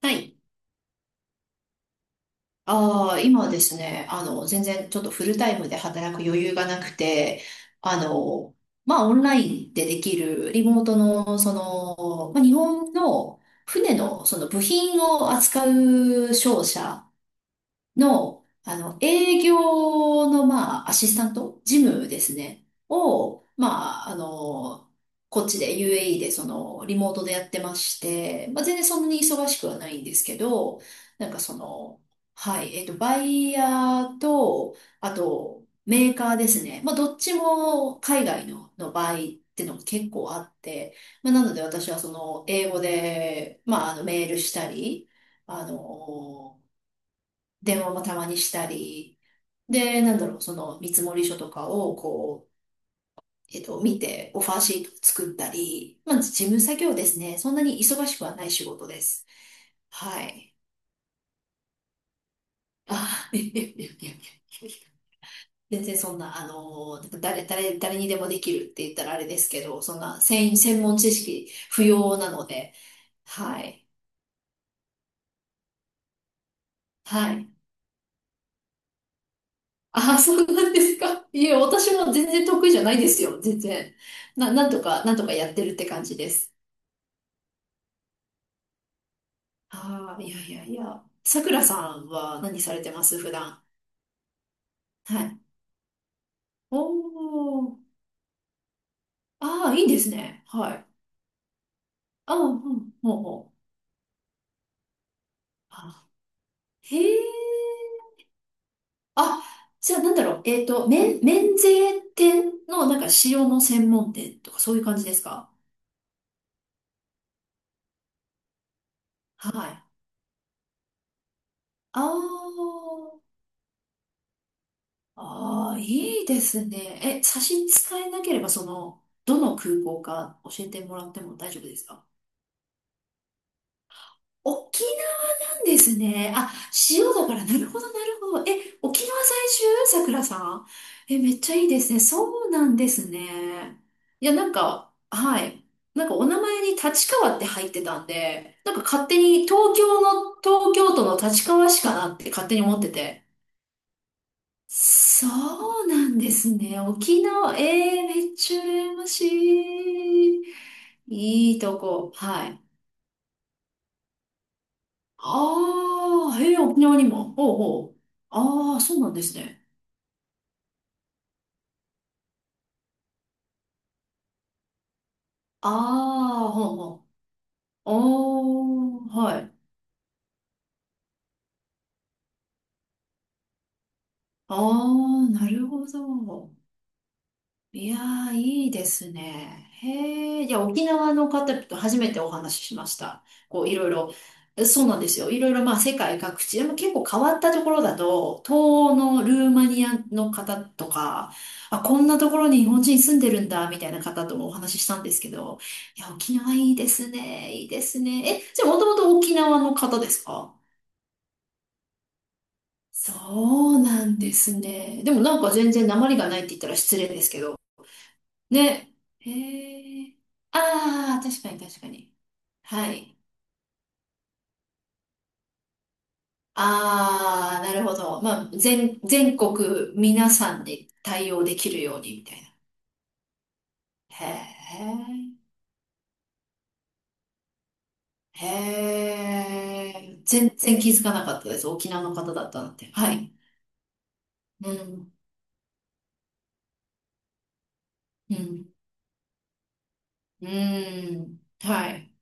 はい。ああ、今はですね、全然ちょっとフルタイムで働く余裕がなくて、あの、オンラインでできるリモートの、日本の船の、その部品を扱う商社の、営業の、まあ、アシスタント、事務ですね、を、こっちで UAE で、その、リモートでやってまして、まあ、全然そんなに忙しくはないんですけど、なんかその、はい、バイヤーと、あと、メーカーですね。まあ、どっちも海外の、の場合ってのも結構あって、まあ、なので私はその、英語で、メールしたり、あの電話もたまにしたり、で、なんだろう、その見積書とかをこう、見て、オファーシート作ったり、まあ、事務作業ですね。そんなに忙しくはない仕事です。はい。ああ、いやいやいやいや全然そんな、あの、なんか誰にでもできるって言ったらあれですけど、そんな専門知識不要なので、はい。はい。ああ、そうなんですか。いえ、私も全然得意じゃないですよ。全然。なんとかやってるって感じです。ああ、いやいやいや。さくらさんは何されてます普段。はい。おお。ああ、いいですね。はい。ああ、うん、ほうほう。あ、へえ。あ、じゃあなんだろう。えっと、免税店のなんか塩の専門店とかそういう感じですか？はい。あーあー、いいですね。え、差し支えなければ、その、どの空港か教えてもらっても大丈夫ですか？沖縄なんですね。あ、塩だから、なるほど、なるほど。え、沖縄在住さくらさん。え、めっちゃいいですね。そうなんですね。いや、なんか、はい。なんかお名前に立川って入ってたんで、なんか勝手に東京の、東京都の立川市かなって勝手に思ってて。そうなんですね。沖縄、えー、めっちゃ羨ましい。いいとこ。はい。ああ、へえ、沖縄にも。ほうほう。ああ、そうなんですね。ああ、ほうほう。ああ、はい。ああ、なるほど。いやー、いいですね。へえ、いや、沖縄の方と初めてお話ししました。こう、いろいろ、えそうなんですよ。いろいろ、まあ、世界各地、でも結構変わったところだと、東欧のルーマニアの方とか、あ、こんなところに日本人住んでるんだ、みたいな方ともお話ししたんですけど、いや、沖縄いいですね、いいですね。え、じゃあ、もともと沖縄の方ですか？そうなんですね。でもなんか全然訛りがないって言ったら失礼ですけど、ね。へえ。ああ、確かに確かに。はい。ああ、なるほど。まあ、全国皆さんで対応できるようにみたいな。へえ。へえ。全然気づかなかったです。沖縄の方だったなんて。はい。うん。うん。うん。はい。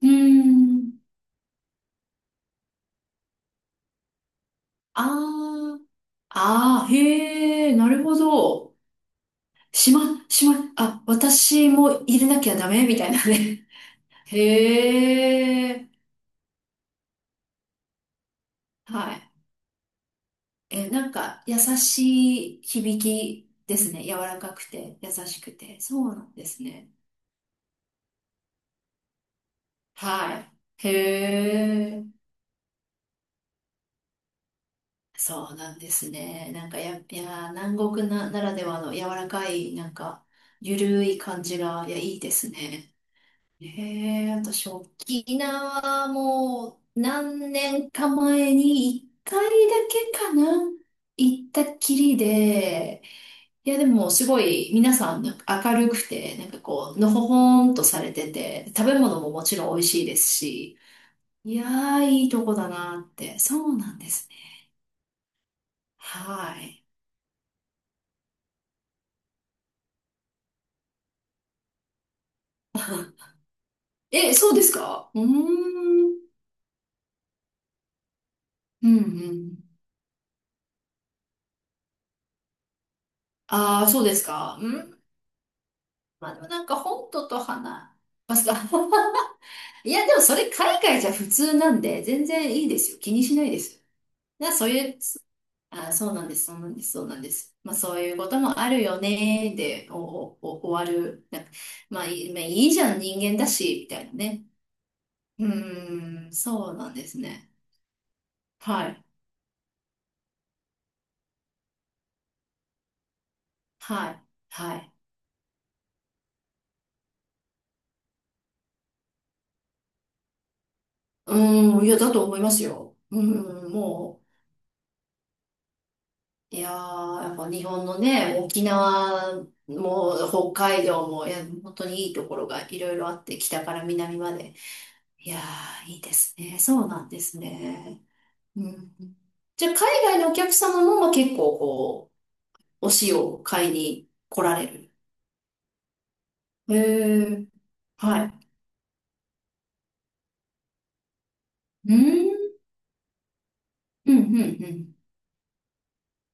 うん。ああ。ああ、へえ、なるほど。島島あ、私も入れなきゃダメみたいなね。へえ、はい。え、なんか、優しい響きですね。柔らかくて、優しくて。そうなんですね。はい。へえ、そうなんですね。なんかや、いや、南国な、ならではの柔らかい、なんか、ゆるい感じが、いや、いいですね。へえ、私、沖縄も、何年か前に、一回だけかな、行ったっきりで、いや、でも、すごい、皆さん、なんか明るくて、なんかこう、のほほんとされてて、食べ物ももちろん美味しいですし、いやー、いいとこだなって。そうなんですね。はい。え、そうですか？うーん。うんうん。ああ、そうですか。うん。まあ、でもなんか、本土と花、ますか？ いや、でもそれ海外じゃ普通なんで、全然いいですよ。気にしないです。な、そういうあ、そうなんです、そうなんです、そうなんです。まあ、そういうこともあるよね、で、お終わる。なんかまあ、いい、まあ、いいじゃん、人間だし、みたいなね。うーん、そうなんですね。はい、はい、はい。うーん、いや、だと思いますよ。うーん、もう、いやー、やっぱ日本のね、沖縄も北海道も、いや、本当にいいところがいろいろあって、北から南まで。いやー、いいですね。そうなんですね。うん。じゃあ、海外のお客様も、まあ、結構、こう、お塩を買いに来られる。へえ、はい。うん、うん、うん、うん。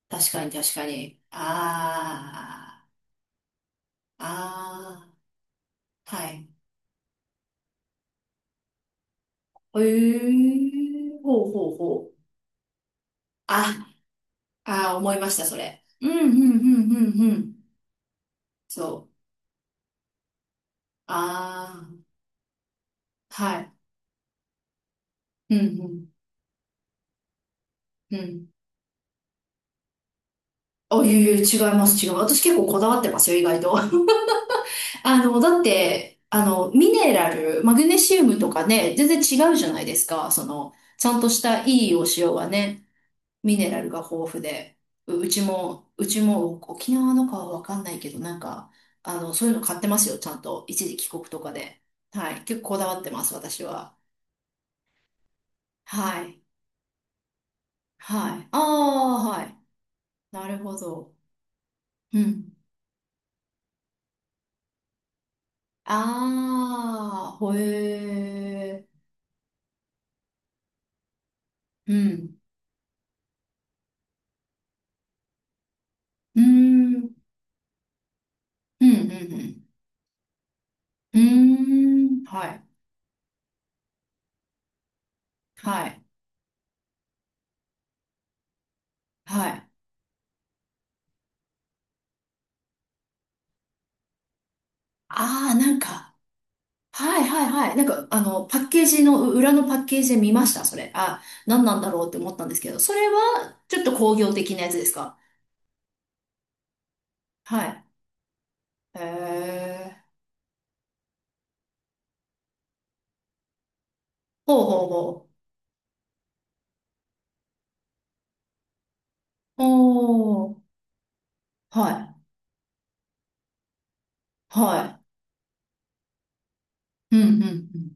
確かに、確かに。ああ、ああ、はい。へえ、ほうほうほう。あ、ああ、思いました、それ。うん、うん、うん、うん、うん。そう。ああ、はい。うん、うん、うん。あ、いえいえ、違います、違う。私結構こだわってますよ、意外と。あの、だって、あの、ミネラル、マグネシウムとかね、全然違うじゃないですか。その、ちゃんとしたいいお塩はね、ミネラルが豊富で。ううちも、うちも沖縄のかはわかんないけど、なんか、あの、そういうの買ってますよ、ちゃんと。一時帰国とかで。はい。結構こだわってます、私は。はい。はい。ああ、はい。なるほど。うん。ああ、ほえー。うん。うーん。うん、うん、うん。うーん、はい、はい、はい。ああ、なんか、はいはいはい。なんか、あの、パッケージの、う裏のパッケージで見ました、それ。あ、何なんだろうって思ったんですけど、それは、ちょっと工業的なやつですか？はい。へえー、ほうほうほう。おー、はい、はい。うん、うん、うん。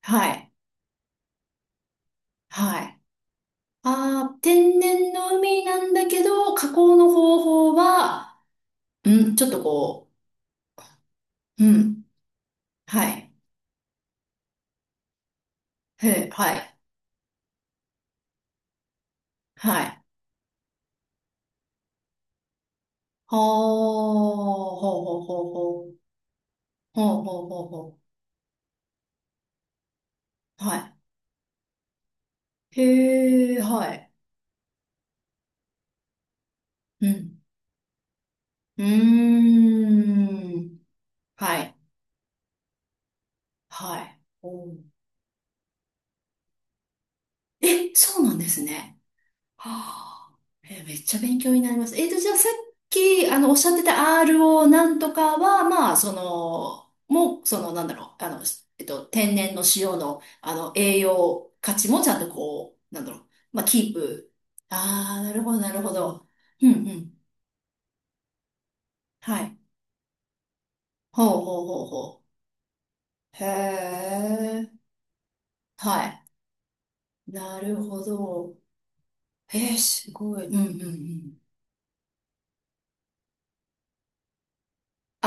はい、はい。ああ、天然の海なんだけど、加工の方法は、うん、ちょっとこう、うん、はい、へえ、はい、はい。はあ、ほうほうほうほう。ほうほうほうほう。はい。へえ、はい。うん。うーん。はい。はい。おーえ、そうなんですね。はあ、え、めっちゃ勉強になります。えっと、じゃあさっき、あの、おっしゃってた RO なんとかは、まあ、その、もう、その、なんだろう、あの、天然の塩の、あの、栄養価値もちゃんとこう、なんだろう、まあ、キープ。ああ、なるほど、なるほど。うん、うん。はい。ほうほうほうほう。へえ。はい。なるほど。へえ、すごい。うん、うん、うん。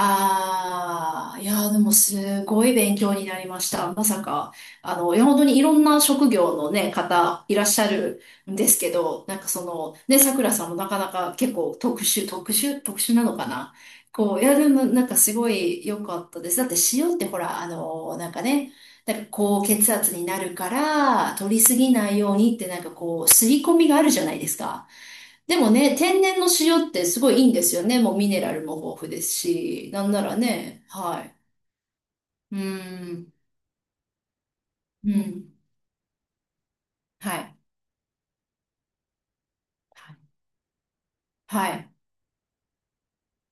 ああ、いやー、でもすごい勉強になりました。まさか、あの、いや、本当にいろんな職業のね、方いらっしゃるんですけど、なんかその、ね、桜さんもなかなか結構特殊なのかな。こう、いや、でもなんかすごい良かったです。だって塩ってほら、あの、なんかね、なんか高血圧になるから、取りすぎないようにってなんかこう、刷り込みがあるじゃないですか。でもね、天然の塩ってすごいいいんですよね。もうミネラルも豊富ですし、なんならね、はい。うーん、うん、はい、はい。はい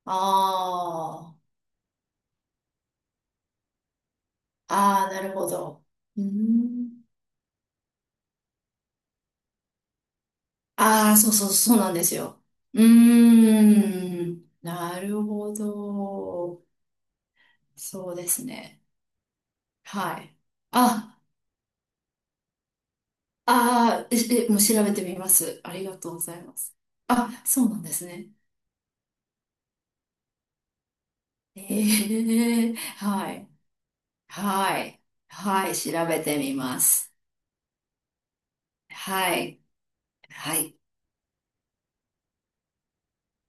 あー、あー、なるほど。うーん、あー、そうそう、そうなんですよ。うーん、なるほど。そうですね。はい。あ、あー、え、えもう調べてみます。ありがとうございます。あ、そうなんですね。ええはい。はい。はい。調べてみます。はい。はい。